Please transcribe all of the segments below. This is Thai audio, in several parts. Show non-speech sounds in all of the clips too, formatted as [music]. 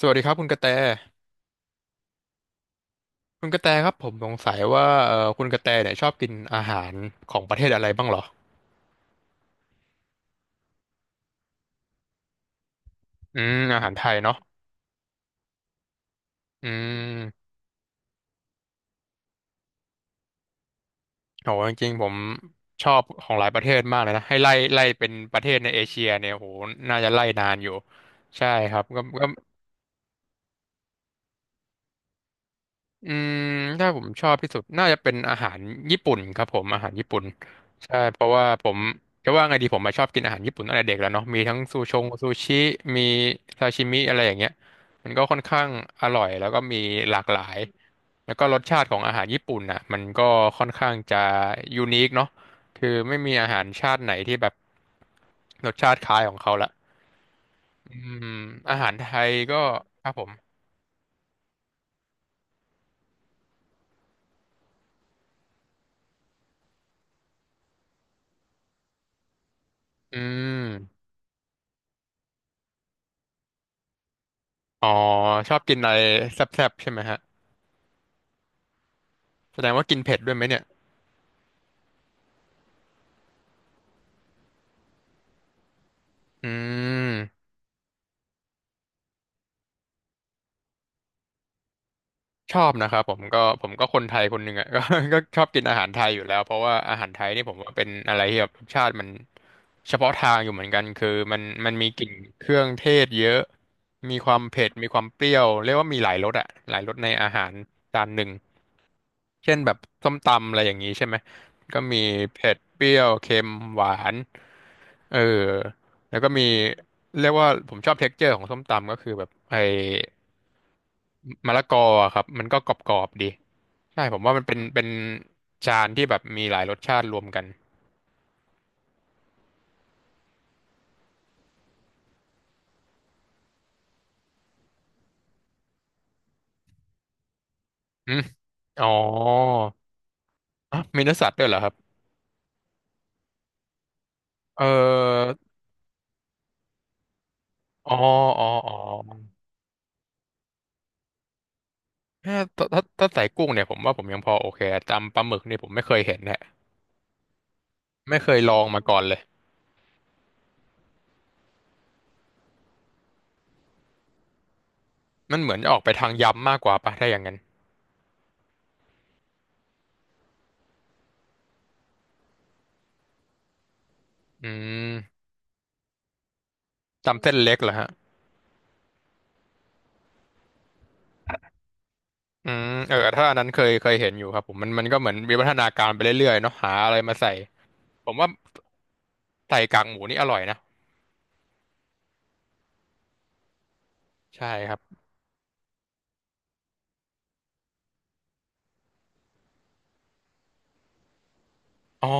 สวัสดีครับคุณกระแตคุณกระแตครับผมสงสัยว่าคุณกระแตเนี่ยชอบกินอาหารของประเทศอะไรบ้างเหรออืมอาหารไทยเนาะอืมโหจริงๆผมชอบของหลายประเทศมากเลยนะให้ไล่เป็นประเทศในเอเชียเนี่ยโหน่าจะไล่นานอยู่ใช่ครับก็ อืมถ้าผมชอบที่สุดน่าจะเป็นอาหารญี่ปุ่นครับผมอาหารญี่ปุ่นใช่เพราะว่าผมจะว่าไงดีผมมาชอบกินอาหารญี่ปุ่นตั้งแต่เด็กแล้วเนาะมีทั้งซูชงซูชิมีซาชิมิอะไรอย่างเงี้ยมันก็ค่อนข้างอร่อยแล้วก็มีหลากหลายแล้วก็รสชาติของอาหารญี่ปุ่นน่ะมันก็ค่อนข้างจะยูนิคเนาะคือไม่มีอาหารชาติไหนที่แบบรสชาติคล้ายของเขาละอืมอาหารไทยก็ครับผมอืม อ๋อชอบกินอะไรแซ่บๆใช่ไหมฮะแสดงว่ากินเผ็ดด้วยไหมเนี่ยอืมชอบนะครับผมก็ผมก็คนไทยคนหนึ่งอ่ะ [laughs] ก็ชอบกินอาหารไทยอยู่แล้วเพราะว่าอาหารไทยนี่ผมว่าเป็นอะไรที่แบบรสชาติมันเฉพาะทางอยู่เหมือนกันคือมันมีกลิ่นเครื่องเทศเยอะมีความเผ็ดมีความเปรี้ยวเรียกว่ามีหลายรสอ่ะหลายรสในอาหารจานหนึ่งเช่นแบบส้มตำอะไรอย่างนี้ใช่ไหมก็มีเผ็ดเปรี้ยวเค็มหวานเออ แล้วก็มีเรียกว่าผมชอบเท็กเจอร์ของส้มตำก็คือแบบไอ้มะละกออะครับมันก็กรอบๆดีใช่ผมว่ามันเป็นจานที่แบบมีหลายรสชาติรวมกันอืมอ๋ออ่ะมีเนื้อสัตว์ด้วยเหรอครับเอออ๋ออ๋ออ๋อถ้าใส่กุ้งเนี่ยผมว่าผมยังพอโอเคจำปลาหมึกเนี่ยผมไม่เคยเห็นแหละไม่เคยลองมาก่อนเลยมันเหมือนจะออกไปทางยำมากกว่าปะถ้าอย่างนั้นอืมจำเส้นเล็กเหรอฮะ อืมเออถ้าอันนั้นเคยเห็นอยู่ครับผมมันก็เหมือนวิวัฒนาการไปเรื่อยๆเนาะหาอะไรมาใส่ผมว่าใส่กากหมูนี่อร่อยนะใช่ครับอ๋อ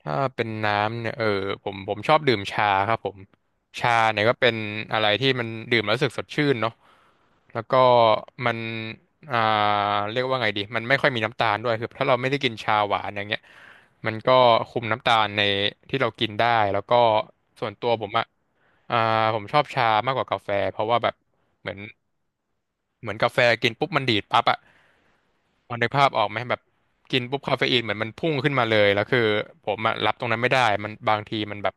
ถ้าเป็นน้ำเนี่ยเออผมชอบดื่มชาครับผมชาเนี่ยก็เป็นอะไรที่มันดื่มแล้วรู้สึกสดชื่นเนาะแล้วก็มันอ่าเรียกว่าไงดีมันไม่ค่อยมีน้ำตาลด้วยคือถ้าเราไม่ได้กินชาหวานอย่างเงี้ย มันก็คุมน้ำตาลในที่เรากินได้แล้วก็ส่วนตัวผมอ่ะอ่าผมชอบชามากกว่ากาแฟเพราะว่าแบบเหมือนเหมือนกาแฟกินปุ๊บมันดีดปั๊บอ่ะพอนึกภาพออกไหมแบบกินปุ๊บคาเฟอีนเหมือนมันพุ่งขึ้นมาเลยแล้วคือผมอ่ะรับตรงนั้นไม่ได้มันบางทีมันแบบ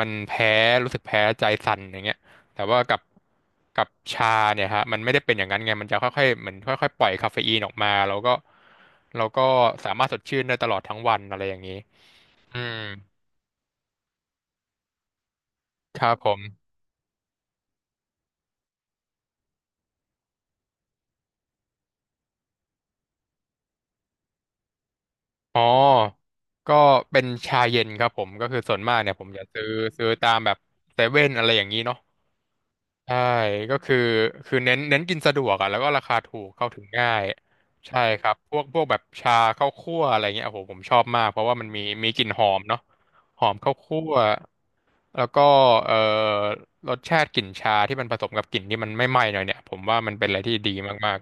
มันแพ้รู้สึกแพ้ใจสั่นอย่างเงี้ย แต่ว่ากับชาเนี่ยฮะมันไม่ได้เป็นอย่างนั้นไงมันจะค่อยๆเหมือนค่อยๆปล่อยคาเฟอีนออกมาแล้วก็เราก็สามารถสดชื่นได้ตลอดทั้งวันอะไรอย่างนี้อืมครับผมอ๋อก็เป็นชาเย็นครับผมก็คือส่วนมากเนี่ยผมจะซื้อตามแบบเซเว่นอะไรอย่างนี้เนาะ ใช่ก็คือคือเน้นกินสะดวกอ่ะแล้วก็ราคาถูกเข้าถึงง่ายใช่ครับพวกแบบชาข้าวคั่วอะไรเงี้ยโอ้โหผมชอบมากเพราะว่ามันมีกลิ่นหอมเนาะหอมข้าวคั่วแล้วก็เอ่อรสชาติกลิ่นชาที่มันผสมกับกลิ่นที่มันไม่ไหม้หน่อยเนี่ยผมว่ามันเป็นอะไรที่ดีมาก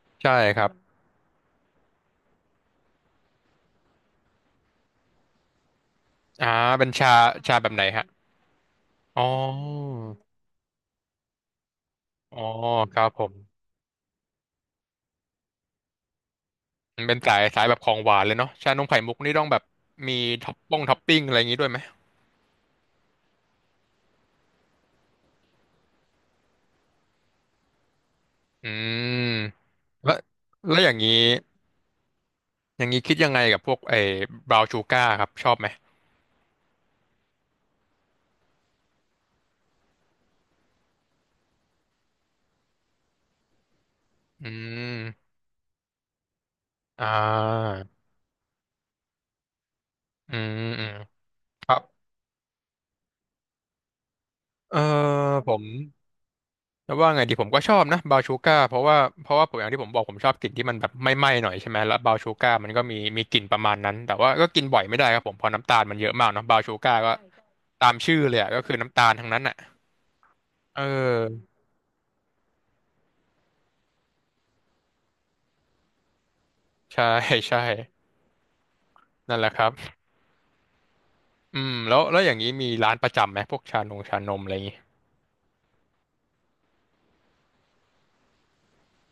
ๆใช่ครับอ่าเป็นชาแบบไหนฮะอ๋ออ๋อครับผมมันเป็นสายแบบของหวานเลยเนาะชานมไข่มุกนี่ต้องแบบมีท็อปปิ้งอะไรอย่างงี้ด้วยไหม อืมแล้วแล้วอย่างนี้อย่างนี้คิดยังไงกับพวกไอ้บราวน์ชูการ์ครับชอบไหมอืมอ่าอืมอืมครับเออผมจะว่าไงดีผมก็ชอบนะบราวน์ชูการ์เพราะว่าเพราะว่าผมอย่างที่ผมบอกผมชอบกลิ่นที่มันแบบไม่ไหม้หน่อยใช่ไหมแล้วบราวน์ชูการ์มันก็มีกลิ่นประมาณนั้นแต่ว่าก็กินบ่อยไม่ได้ครับผมเพราะน้ำตาลมันเยอะมากเนอะบราวน์ชูการ์ก็ตามชื่อเลยอะก็คือน้ำตาลทั้งนั้นอ่ะเออใช่ [laughs] ใช่นั่นแหละครับ แล้วอย่างนี้มีร้านประจำไหมพวกชานงชานมอะไรอย่างงี้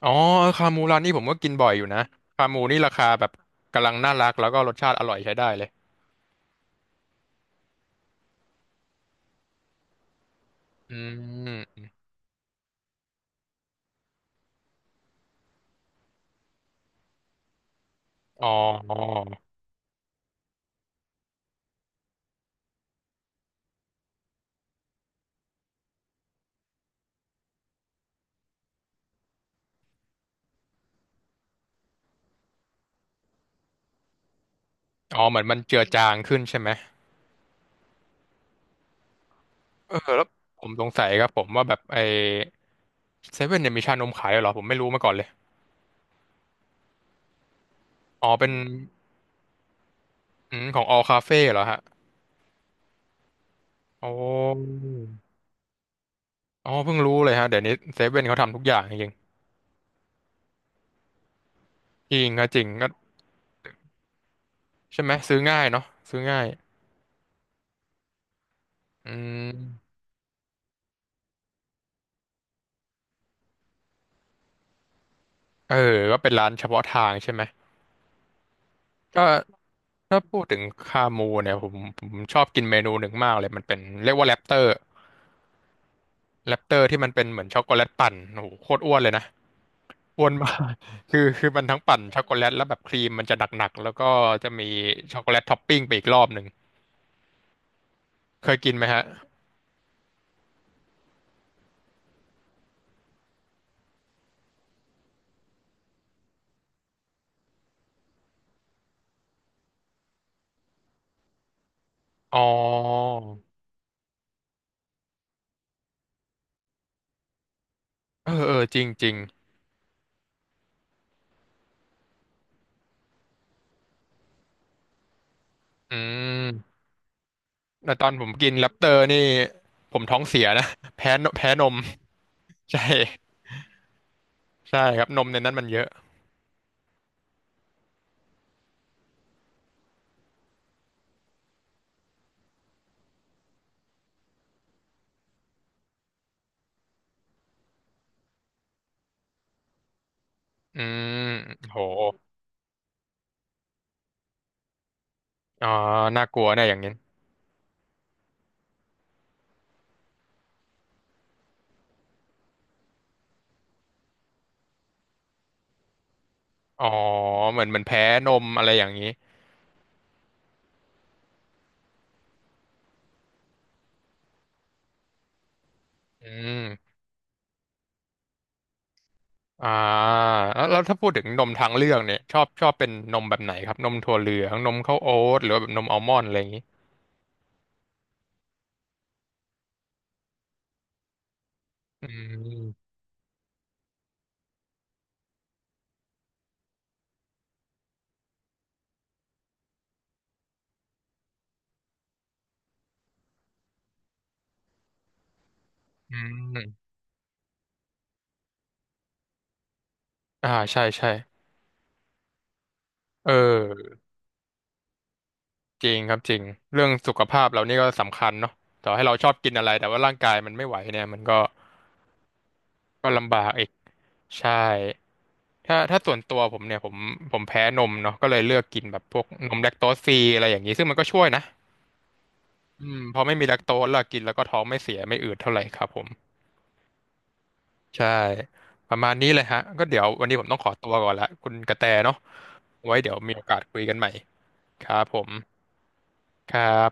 อ๋อคามูร้านนี้ผมก็กินบ่อยอยู่นะคามูนี่ราคาแบบกำลังน่ารักแล้วก็รสชาติอร่อยใช้ได้เลยอืมอ๋ออ๋ออ๋อเหมือนมันเจือจางขึ้นใช่ไหมเออแล้วผมสงสัยครับผมว่าแบบไอเซเว่นเนี่ยมีชานมขายด้วยเหรอผมไม่รู้มาก่อนเลยอ๋อเป็นอืมของ All Cafe เหรอฮะโอ้อ๋อเพิ่งรู้เลยฮะเดี๋ยวนี้เซเว่นเขาทำทุกอย่างจริงจริงก็จริงก็ใช่ไหมซื้อง่ายเนาะซื้อง่ายอืม เออก็เป็นร้านเฉพาะทางใช่ไหมก็ถ้าพูดถึงคามูเนี่ยผมชอบกินเมนูหนึ่งมากเลยมันเป็นเรียกว่าแรปเตอร์แรปเตอร์ที่มันเป็นเหมือนช็อกโกแลตปั่นโอ้โหโคตรอ้วนเลยนะอ้วนมาก [laughs] คือมันทั้งปั่นช็อกโกแลตแล้วแบบครีมมันจะหนักๆแล้วก็จะมีช็อกโกแลตท็อปปิ้งไปอีกรอบหนึ่งเคยกินไหมฮะอ๋อเออเออจริงจริงอืมแต่ตอนผมกินแรปเตอร์นี่ผมท้องเสียนะ [laughs] แพ้ม [laughs] ใช่ใช่ครับนมในนั้นมันเยอะ อืมโหอ๋อน่ากลัวนะอย่างนี้อ๋อเหมือนแพ้นมอะไรอย่างนี้อืมอ่าแล้วถ้าพูดถึงนมทางเลือกเนี่ยชอบเป็นนมแบบไหนครับนมถั่วเหลืองนมข้าวโอ๊ตหรือว่าแบบนมอัลมอนด์อะไรอย่างนี้อืมอืมอ่าใช่ใช่เออจริงครับจริงเรื่องสุขภาพเรานี่ก็สำคัญเนาะต่อให้เราชอบกินอะไรแต่ว่าร่างกายมันไม่ไหวเนี่ยมันก็ก็ลำบากอีก ใช่ถ้าส่วนตัวผมเนี่ยผมแพ้นมเนาะก็เลยเลือกกินแบบพวกนมแลคโตสฟรีอะไรอย่างนี้ซึ่งมันก็ช่วยนะอืมพอไม่มีแลคโตสแล้วกินแล้วก็ท้องไม่เสียไม่อืดเท่าไหร่ครับผมใช่ประมาณนี้เลยฮะก็เดี๋ยววันนี้ผมต้องขอตัวก่อนละคุณกระแตเนาะไว้เดี๋ยวมีโอกาสคุยกันใหม่ครับผมครับ